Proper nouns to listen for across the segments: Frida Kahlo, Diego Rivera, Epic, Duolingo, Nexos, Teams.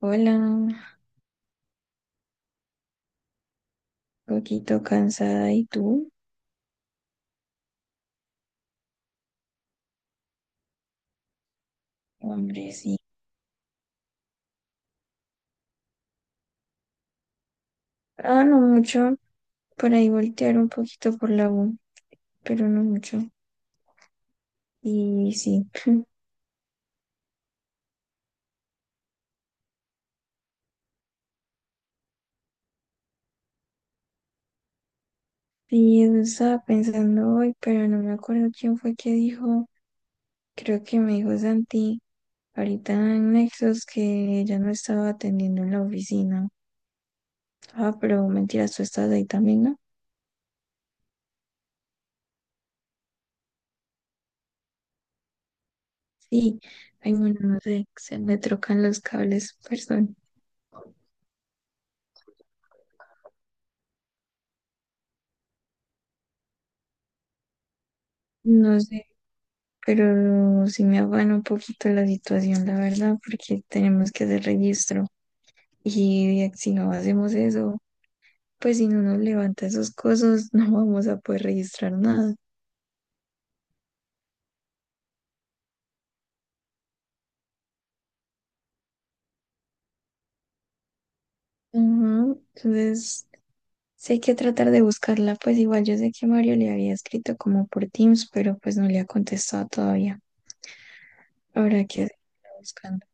Hola, un poquito cansada. ¿Y tú? Hombre, sí. Ah, no mucho. Por ahí voltear un poquito por la U, pero no mucho. Y sí. Sí, eso estaba pensando hoy, pero no me acuerdo quién fue que dijo. Creo que me dijo Santi ahorita en Nexos que ya no estaba atendiendo en la oficina. Ah, pero mentiras, tú estás ahí también, ¿no? Sí. Ay, bueno, no sé. Se me trocan los cables, perdón. No sé, pero sí me afana un poquito la situación, la verdad, porque tenemos que hacer registro y si no hacemos eso, pues si no nos levanta esos cosas, no vamos a poder registrar nada. Ujú. Entonces, sí hay que tratar de buscarla, pues igual yo sé que Mario le había escrito como por Teams, pero pues no le ha contestado todavía. Habrá que seguirla buscando.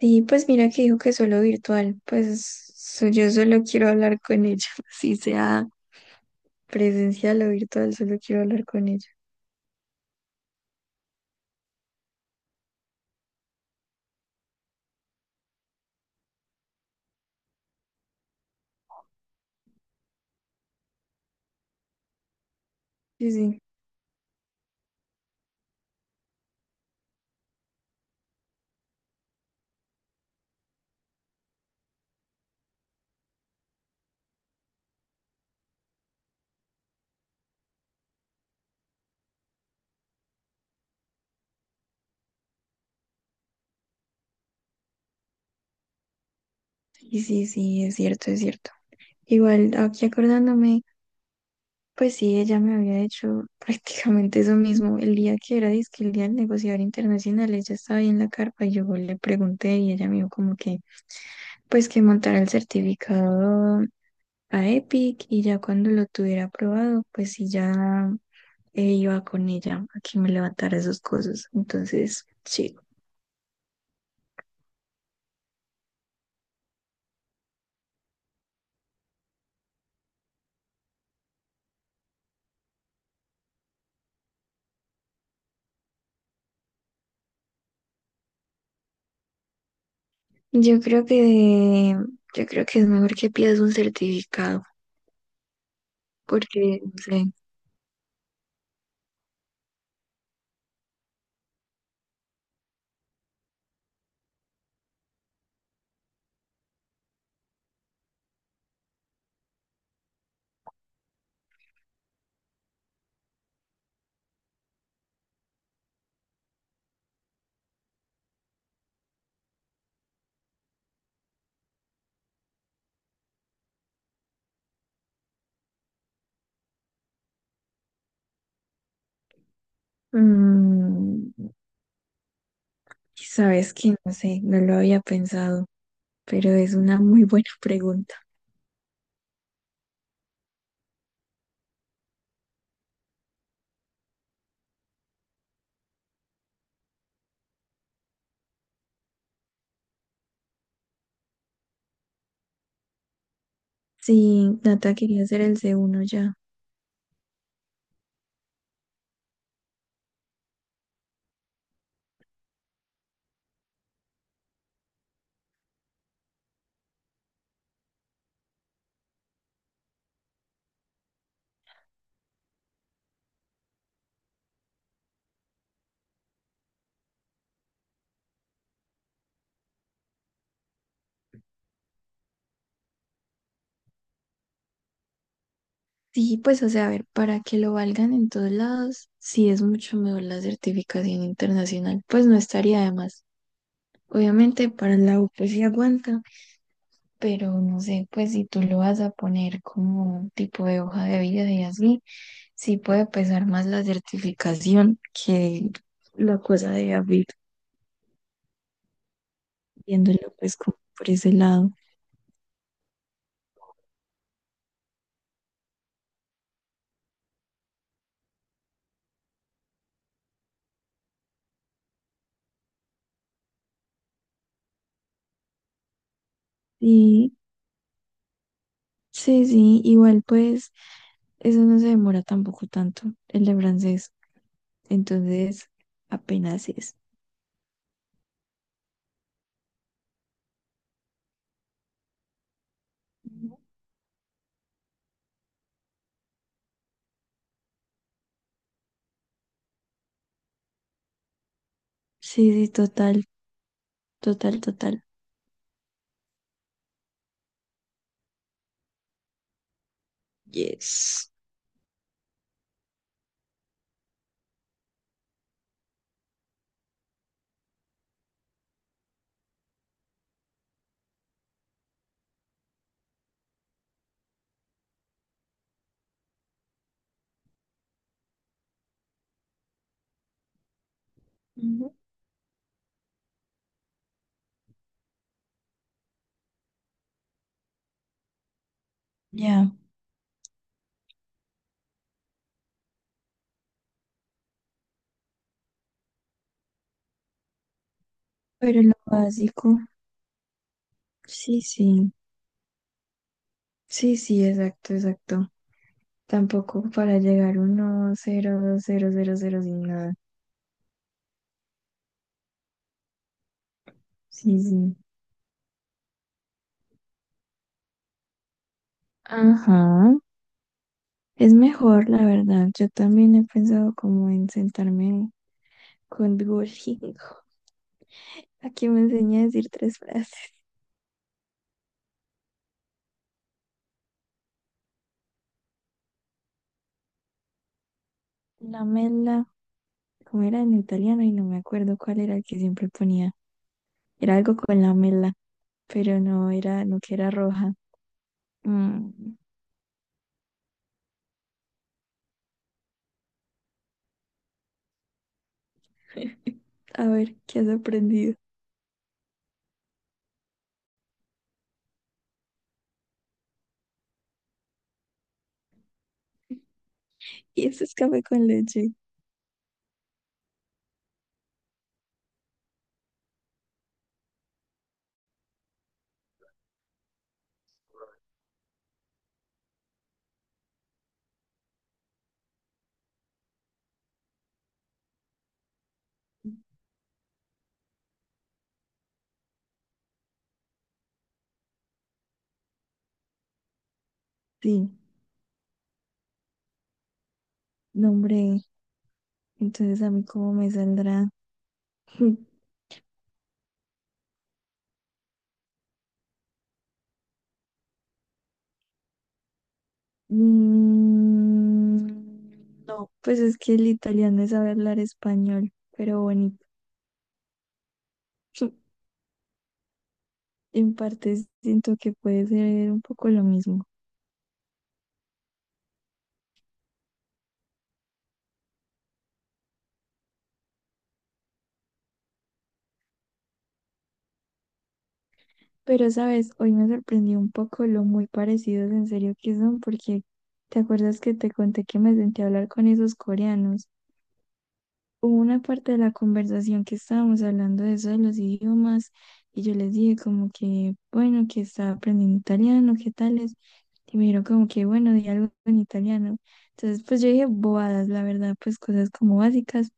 Y pues mira que dijo que solo virtual, pues yo solo quiero hablar con ella, si sea presencial o virtual, solo quiero hablar con ella. Sí, sí, sí, sí, sí, es cierto, es cierto. Igual, aquí acordándome, pues sí, ella me había hecho prácticamente eso mismo. El día que era, dizque el día del negociador internacional, ella estaba ahí en la carpa y yo le pregunté y ella me dijo como que, pues que montara el certificado a Epic y ya cuando lo tuviera aprobado, pues sí, ya iba con ella a que me levantara esas cosas. Entonces, sí. Yo creo que, yo creo que es mejor que pidas un certificado, porque, no sé, mm, sabes que, no sé, no lo había pensado, pero es una muy buena pregunta. Sí, Nata quería hacer el C1 ya. Sí, pues, o sea, a ver, para que lo valgan en todos lados, sí es mucho mejor la certificación internacional, pues no estaría de más. Obviamente, para la U, pues sí aguanta, pero no sé, pues si tú lo vas a poner como un tipo de hoja de vida y así, sí puede pesar más la certificación que la cosa de abrir, viéndolo pues como por ese lado. Sí, sí, sí, igual pues eso no se demora tampoco tanto, el de francés. Entonces, apenas es. Ujú. Sí, sí, total, total, total. Yes. Ujú. Ya, pero lo básico, sí, sí, sí, sí, exacto, exacto. Tampoco para llegar uno, cero, cero, cero, cero, sin nada. Sí, sí. Ajá. Es mejor, la verdad. Yo también he pensado como en sentarme con Duolingo, a que me enseñe a decir tres frases. La mela, como era en italiano y no me acuerdo cuál era el que siempre ponía. Era algo con lamela, pero no era, no que era roja. Mm, a ver, ¿qué has aprendido? Y eso es café con leche. Sí, no, hombre. Entonces, ¿a mí cómo me saldrá? Mm, no, pues es que el italiano es saber hablar español, pero bonito. En parte siento que puede ser un poco lo mismo. Pero, sabes, hoy me sorprendió un poco lo muy parecidos en serio que son, porque ¿te acuerdas que te conté que me senté a hablar con esos coreanos? Hubo una parte de la conversación que estábamos hablando de eso de los idiomas y yo les dije como que, bueno, que estaba aprendiendo italiano, qué tales, y me dijeron como que, bueno, di algo en italiano. Entonces, pues yo dije bobadas, la verdad, pues cosas como básicas,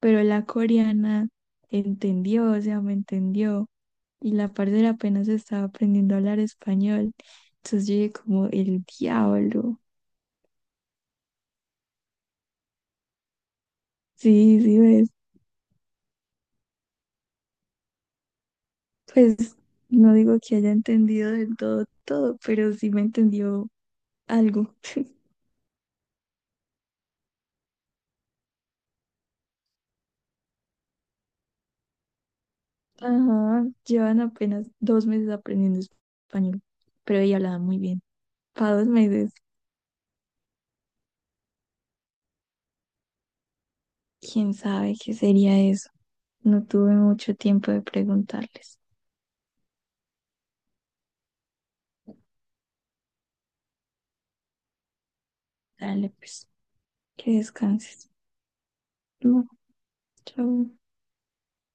pero la coreana entendió, o sea, me entendió, y la parcera apenas estaba aprendiendo a hablar español. Entonces yo dije como, el diablo. Sí, sí, ves. Pues no digo que haya entendido del todo todo, pero sí me entendió algo. Ajá, llevan apenas 2 meses aprendiendo español, pero ella hablaba muy bien. Para 2 meses, quién sabe qué sería eso. No tuve mucho tiempo de preguntarles. Dale, pues, que descanses. No, chao.